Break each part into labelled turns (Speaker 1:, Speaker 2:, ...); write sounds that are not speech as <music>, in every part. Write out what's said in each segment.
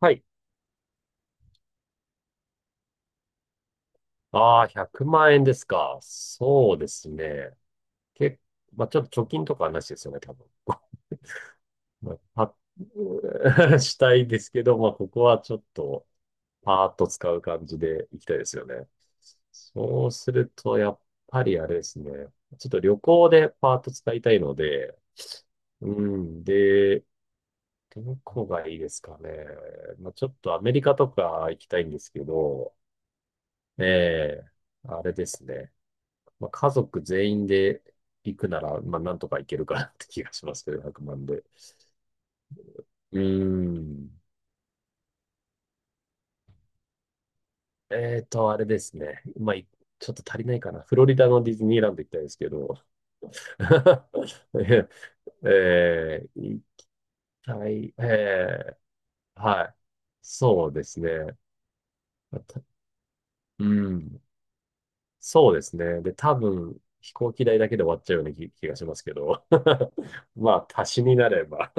Speaker 1: はい。ああ、100万円ですか。そうですね。け、まあ、ちょっと貯金とかはなしですよね、多分。まあ、パッ <laughs> したいですけど、まあ、ここはちょっと、パーッと使う感じでいきたいですよね。そうすると、やっぱりあれですね。ちょっと旅行でパーッと使いたいので、うん。で、どこがいいですかね。まあ、ちょっとアメリカとか行きたいんですけど、ええあれですね。まあ、家族全員で行くなら、まあ、なんとか行けるかなって気がしますけど、100万で。うーん。あれですね。まあ、ちょっと足りないかな。フロリダのディズニーランド行きたいですけど。<laughs> 行きたい。えー、はい。そうですね。またうん。そうですね。で、多分、飛行機代だけで終わっちゃうような気がしますけど。<laughs> まあ、足しになれば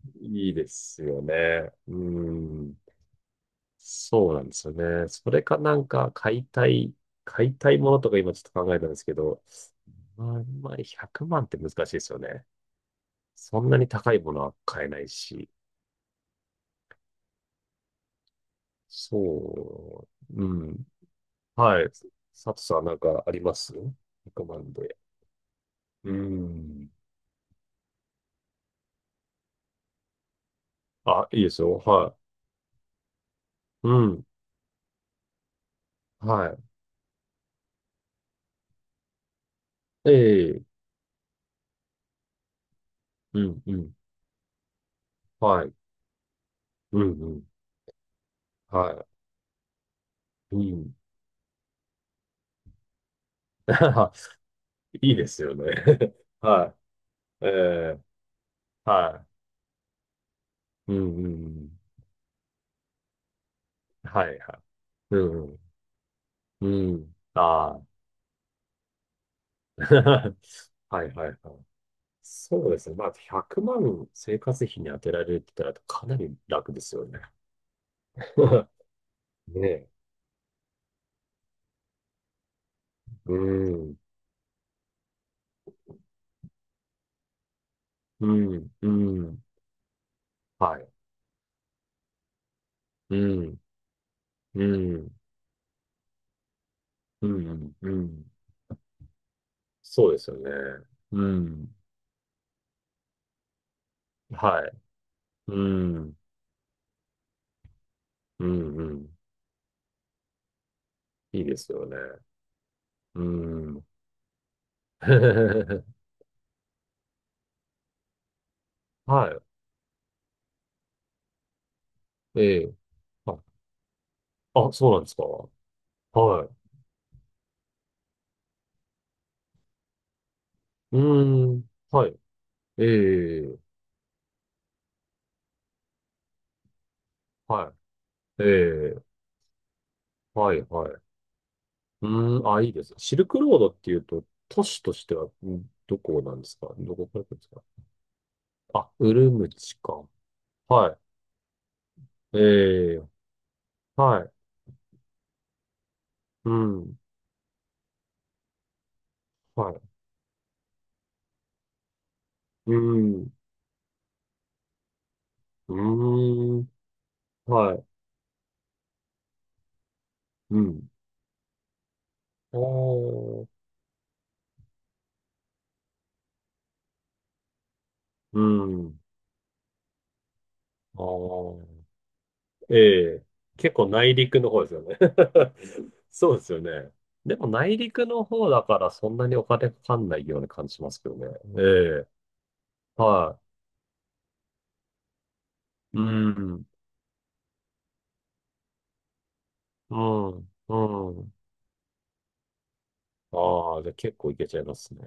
Speaker 1: <laughs> いいですよね。うん。そうなんですよね。それかなんか買いたいものとか今ちょっと考えたんですけど、まあ、あんまり100万って難しいですよね。そんなに高いものは買えないし。そう。うん。はい。佐藤さんなんかあります？ 100 万で。うん。あ、いいですよ。はい。うん。はい。ええ。うん。うん。はい。うん。うん。はい。うん。<laughs> いいですよね。<laughs> はい。ええ。はい。うんうんうんはいはい。うん。うん。うん。ああ。<laughs> はいはいはい。そうですね。まあ、100万生活費に当てられるって言ったらかなり楽ですよね。<laughs> ねえ。うん。うん。うん。はい。うん。うん。うん。うん。そうですよね。うん。はい。うん。うん。うん。いいですよね。うん。<laughs> はい。ええ。あ、あ、そうなんですか。はいうーん。はい。ええ、はい。ええ、はい、はい。うーん。あ、いいです。シルクロードっていうと、都市としては、どこなんですか？どこから来るんですか？あ、ウルムチか。はい。ええ、はい。うん。はい。うん。うーん。はい。うん。ああ。うん。ああ。ええ、結構内陸の方ですよね。<laughs> そうですよね。でも内陸の方だからそんなにお金かかんないような感じしますけどね。ええ、はい。うん、うん、うん。ああ、じゃあ結構いけちゃいますね。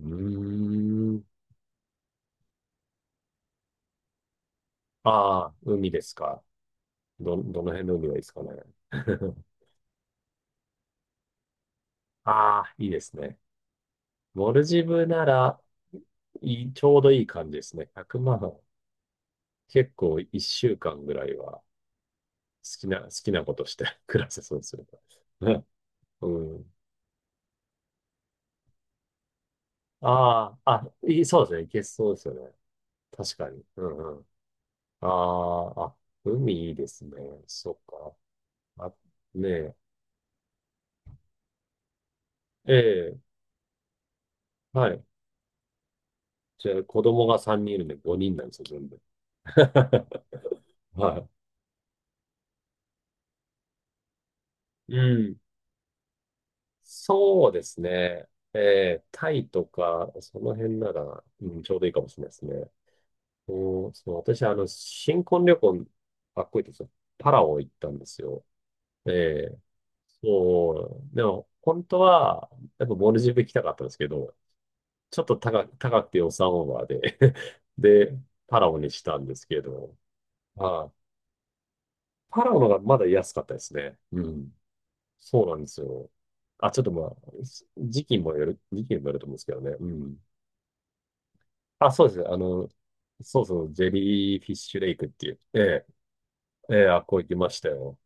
Speaker 1: うーん。ああ、海ですか。どの辺の海がいいですかね。<laughs> ああ、いいですね。モルジブなら、ちょうどいい感じですね。100万。結構1週間ぐらいは。好きなことして <laughs> 暮らせそうですよね。ね。うん。ああ、あ、いそうですね。いけそうですよね。確かに。うんうん。ああ、あ、海いいですね。そっか。あ、ねえ。ええ、はい。じゃあ、子供が3人いるんで5人なんですよ、全部。<laughs> はい。うん。そうですね。ええ、タイとか、その辺なら、うん、ちょうどいいかもしれないですね。うん、そう、私、あの、新婚旅行、かっこいいですよ。パラオ行ったんですよ。ええそう。でも、本当は、やっぱモルジブ行きたかったんですけど、ちょっと高くて予算オーバーで <laughs> で、パラオにしたんですけど、ああ、パラオの方がまだ安かったですね。うん。そうなんですよ。あ、ちょっとまあ、時期にもよると思うんですけどね。うん。あ、そうですね。あの、そうそう、ジェリーフィッシュレイクっていう。ええええ、あ、こう行きましたよ。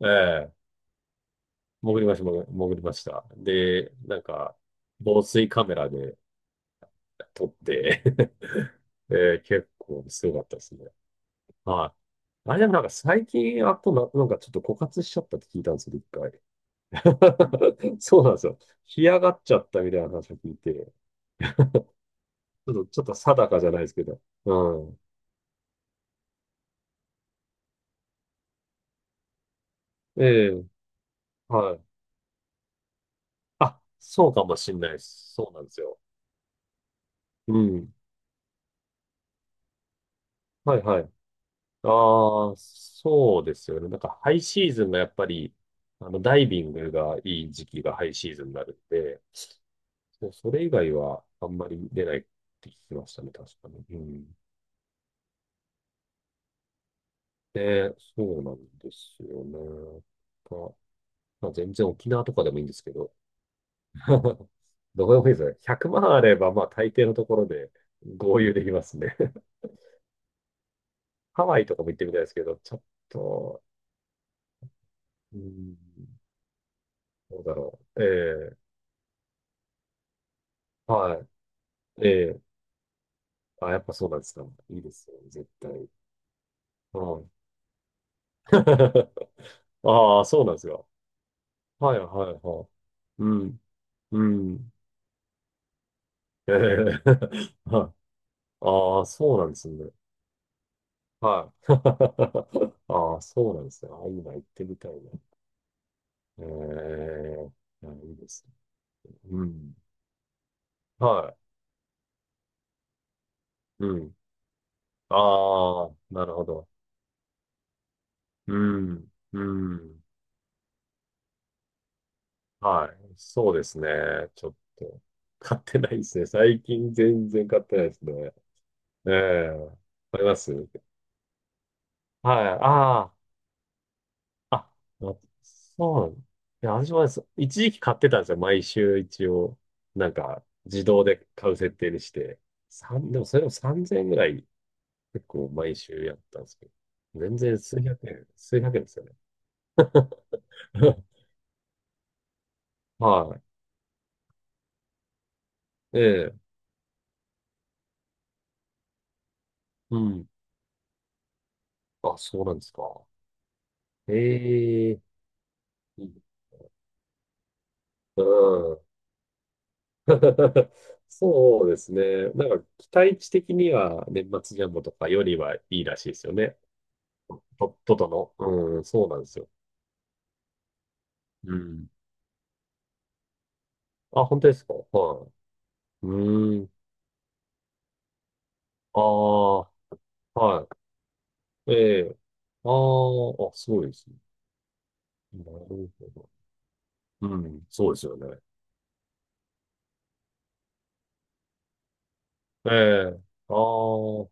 Speaker 1: ええ、潜りました。で、なんか、防水カメラで撮って <laughs> ええ、結構すごかったですね。はい。あれでもなんか最近、あとな、なんかちょっと枯渇しちゃったって聞いたんですよ、一回。<laughs> そうなんですよ。干上がっちゃったみたいな話を聞いて、ちょっと定かじゃないですけど。うん。ええ、はい。あ、そうかもしんないです。そうなんですよ。うん。はいはい。ああ、そうですよね。なんかハイシーズンがやっぱり、あの、ダイビングがいい時期がハイシーズンになるんで、そうそれ以外はあんまり出ないって聞きましたね、確かに。うん。で、そうなんですよね。まあ、まあ全然沖縄とかでもいいんですけど、<laughs> どこでもいいですよね。100万あれば、まあ大抵のところで合流できますね。<laughs> ハワイとかも行ってみたいですけど、ちょっと、うん、どうだろう。ええはい。ええあ、やっぱそうなんですか。いいですよね、絶対。うん。<laughs> ああ、そうなんですよ。はい、はい、はい。うん、うん。ええ <laughs> はいああ、そうなんですね。はい。<laughs> ああ、そうなんですね。ああ、今行ってみたいな。ええいやいいですね。うん。はい。うん。ああ、なるほど。うん。うん。はい。そうですね。ちょっと。買ってないですね。最近全然買ってないですね。ええ、ありますはい。あ、あ、あ、まそう。いや、私もです一時期買ってたんですよ。毎週一応。なんか、自動で買う設定にして。もそれでも3000円ぐらい結構毎週やったんですけど。全然数百円、数百円ですよね。<laughs> はい。ええ、うん。あ、そうなんですか。ええ、うん。<laughs> そうですね。なんか期待値的には年末ジャンボとかよりはいいらしいですよね。と、ととの。うん、そうなんですよ。うん。あ、本当ですかはい。うーん。ああ、はい。ええ。ああ、あ、すごいですね。なるほど。うん、そうですよね。ええ。ああ、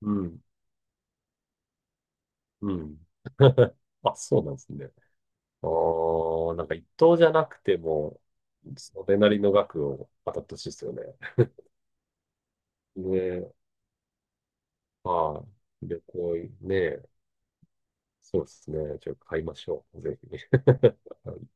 Speaker 1: うん、うん。<laughs> あ、そうなんですね。ああ、なんか一等じゃなくても、それなりの額を当たってほしいですよね。ね、はい。旅行、ね、そうですね。ちょっと買いましょう。ぜひ。<laughs>